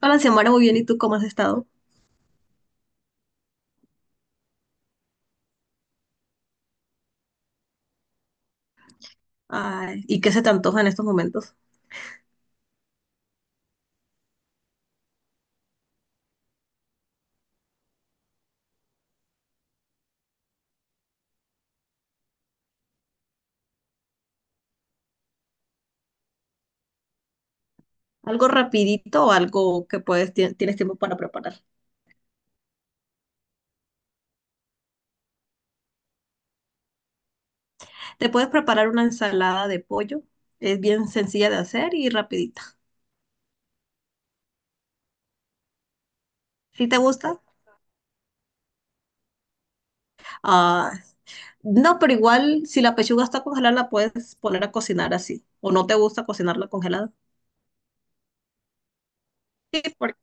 Hola, Xiomara, muy bien. ¿Y tú cómo has estado? Ay, ¿y qué se te antoja en estos momentos? ¿Algo rapidito o algo que puedes, tienes tiempo para preparar? Te puedes preparar una ensalada de pollo. Es bien sencilla de hacer y rapidita. ¿Sí te gusta? Ah, no, pero igual si la pechuga está congelada la puedes poner a cocinar así. ¿O no te gusta cocinarla congelada? Sí, porque-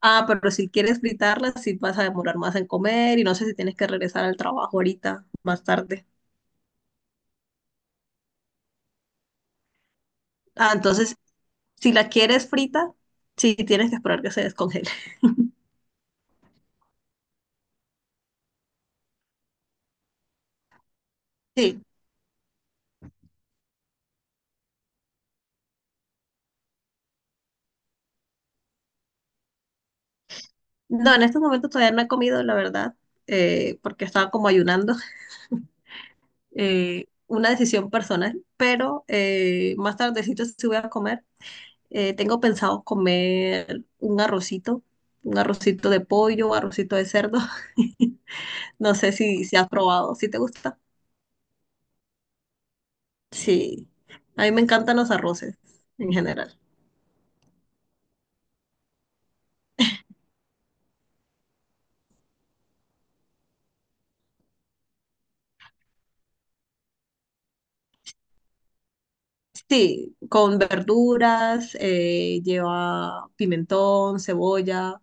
Ah, pero si quieres fritarla, sí vas a demorar más en comer y no sé si tienes que regresar al trabajo ahorita, más tarde. Ah, entonces, si la quieres frita, sí tienes que esperar que se descongele. Sí. No, en estos momentos todavía no he comido, la verdad, porque estaba como ayunando. Una decisión personal, pero más tardecito sí voy a comer. Tengo pensado comer un arrocito de pollo, un arrocito de cerdo. No sé si has probado, si te gusta. Sí, a mí me encantan los arroces en general. Sí, con verduras, lleva pimentón, cebolla.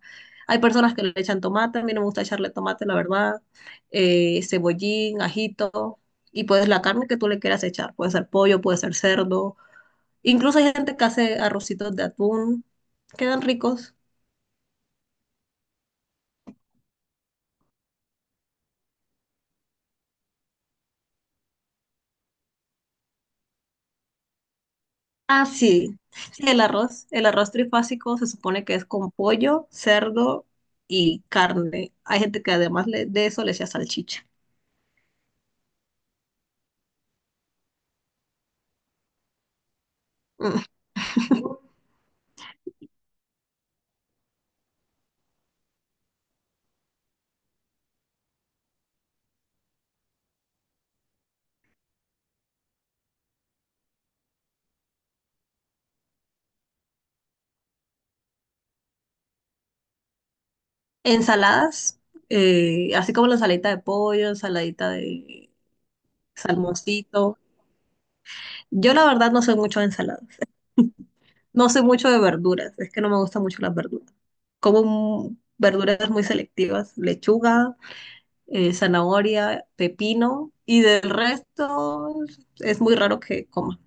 Hay personas que le echan tomate, a mí no me gusta echarle tomate, la verdad. Cebollín, ajito. Y pues la carne que tú le quieras echar. Puede ser pollo, puede ser cerdo. Incluso hay gente que hace arrocitos de atún. Quedan ricos. Ah, sí. Sí, el arroz. El arroz trifásico se supone que es con pollo, cerdo y carne. Hay gente que además de eso le echa salchicha. Mm. Ensaladas, así como la ensaladita de pollo, ensaladita de salmoncito. Yo la verdad no soy mucho de ensaladas, no soy mucho de verduras, es que no me gustan mucho las verduras. Como verduras muy selectivas, lechuga, zanahoria, pepino y del resto es muy raro que coma.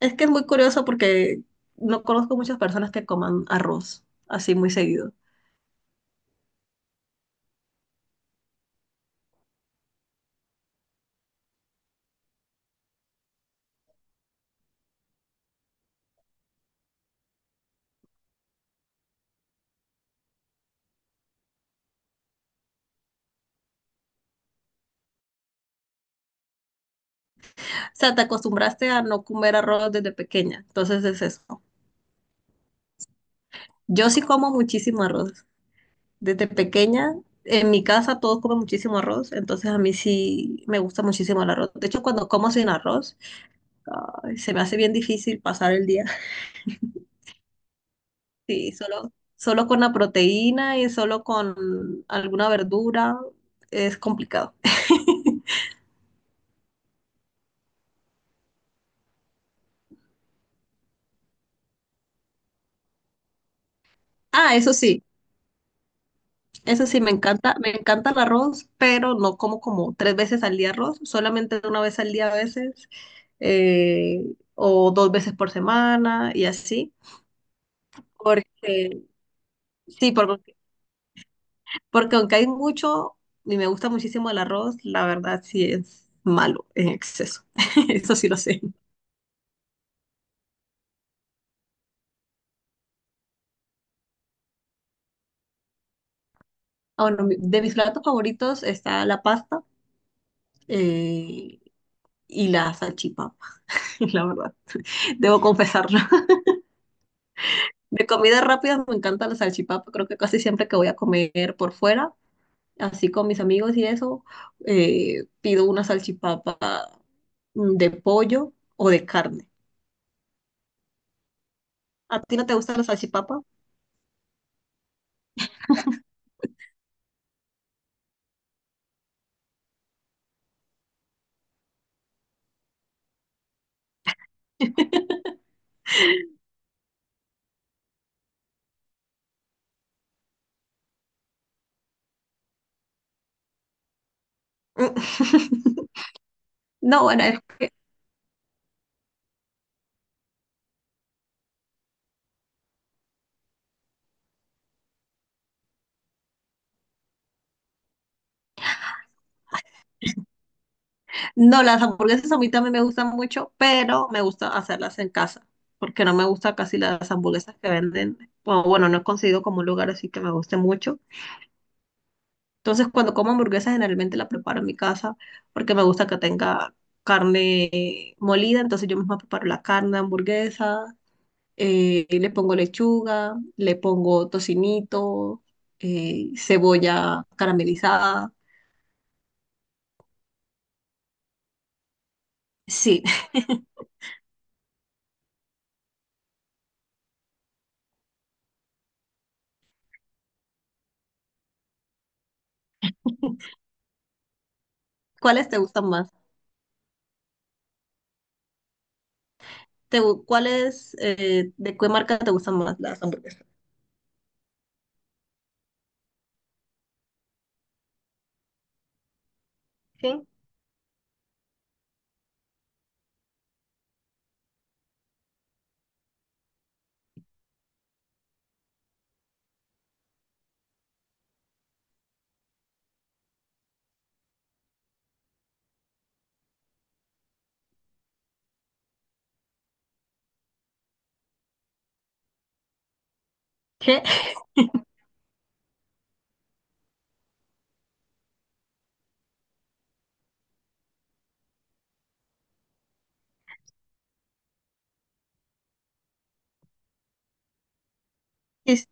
Es que es muy curioso porque no conozco muchas personas que coman arroz así muy seguido. O sea, te acostumbraste a no comer arroz desde pequeña, entonces es eso. Yo sí como muchísimo arroz. Desde pequeña, en mi casa todos comen muchísimo arroz, entonces a mí sí me gusta muchísimo el arroz. De hecho, cuando como sin arroz, ay, se me hace bien difícil pasar el día. Sí, solo con la proteína y solo con alguna verdura es complicado. Ah, eso sí, me encanta el arroz, pero no como como tres veces al día arroz, solamente una vez al día a veces, o dos veces por semana y así. Porque, sí, porque aunque hay mucho y me gusta muchísimo el arroz, la verdad sí es malo en exceso. Eso sí lo sé. Ah, bueno, de mis platos favoritos está la pasta, eh, y la salchipapa, la verdad. Debo confesarlo. De comidas rápidas me encanta la salchipapa. Creo que casi siempre que voy a comer por fuera, así con mis amigos y eso, pido una salchipapa, de pollo o de carne. ¿A ti no te gusta la salchipapa? No, bueno, es que no, las hamburguesas a mí también me gustan mucho, pero me gusta hacerlas en casa, porque no me gusta casi las hamburguesas que venden, o bueno, no he conseguido como un lugar así que me guste mucho. Entonces, cuando como hamburguesas, generalmente la preparo en mi casa, porque me gusta que tenga carne molida, entonces yo misma preparo la carne de hamburguesa, le pongo lechuga, le pongo tocinito, cebolla caramelizada. Sí, ¿cuáles te gustan más? ¿Cuál es, de qué marca te gustan más las hamburguesas? ¿Sí? ¿Qué? Y s-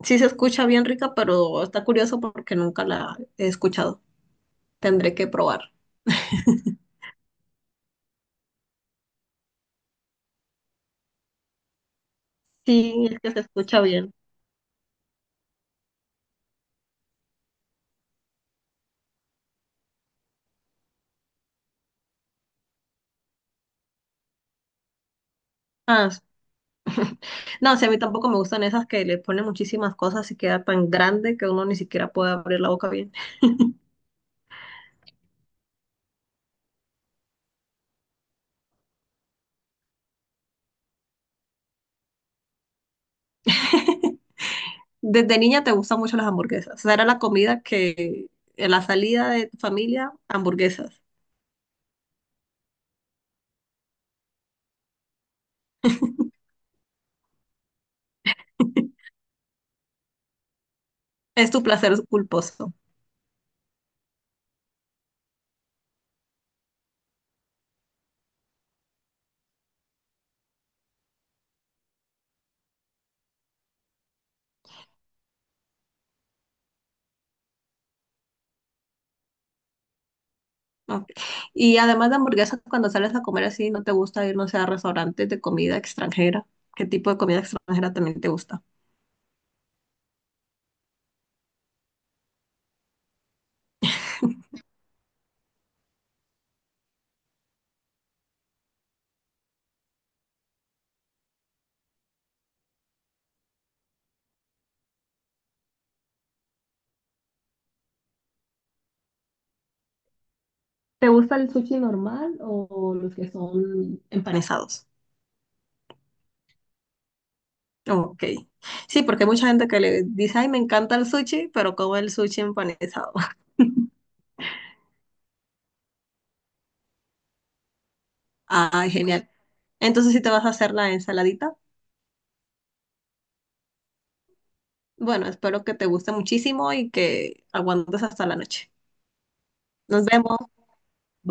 sí se escucha bien rica, pero está curioso porque nunca la he escuchado. Tendré que probar. Sí, es que se escucha bien. Ah, s- no, sí, a mí tampoco me gustan esas que le ponen muchísimas cosas y queda tan grande que uno ni siquiera puede abrir la boca bien. Desde niña te gustan mucho las hamburguesas. O sea, era la comida que, en la salida de tu familia, hamburguesas. Es tu placer culposo. Ok. Y además de hamburguesas, cuando sales a comer así, ¿no te gusta ir, no sé, a restaurantes de comida extranjera? ¿Qué tipo de comida extranjera también te gusta? ¿Te gusta el sushi normal o los que son empanizados? Ok. Sí, porque hay mucha gente que le dice, ay, me encanta el sushi, pero como el sushi empanizado. Ay, genial. Entonces, si te vas a hacer la ensaladita, bueno, espero que te guste muchísimo y que aguantes hasta la noche. Nos vemos. Bye.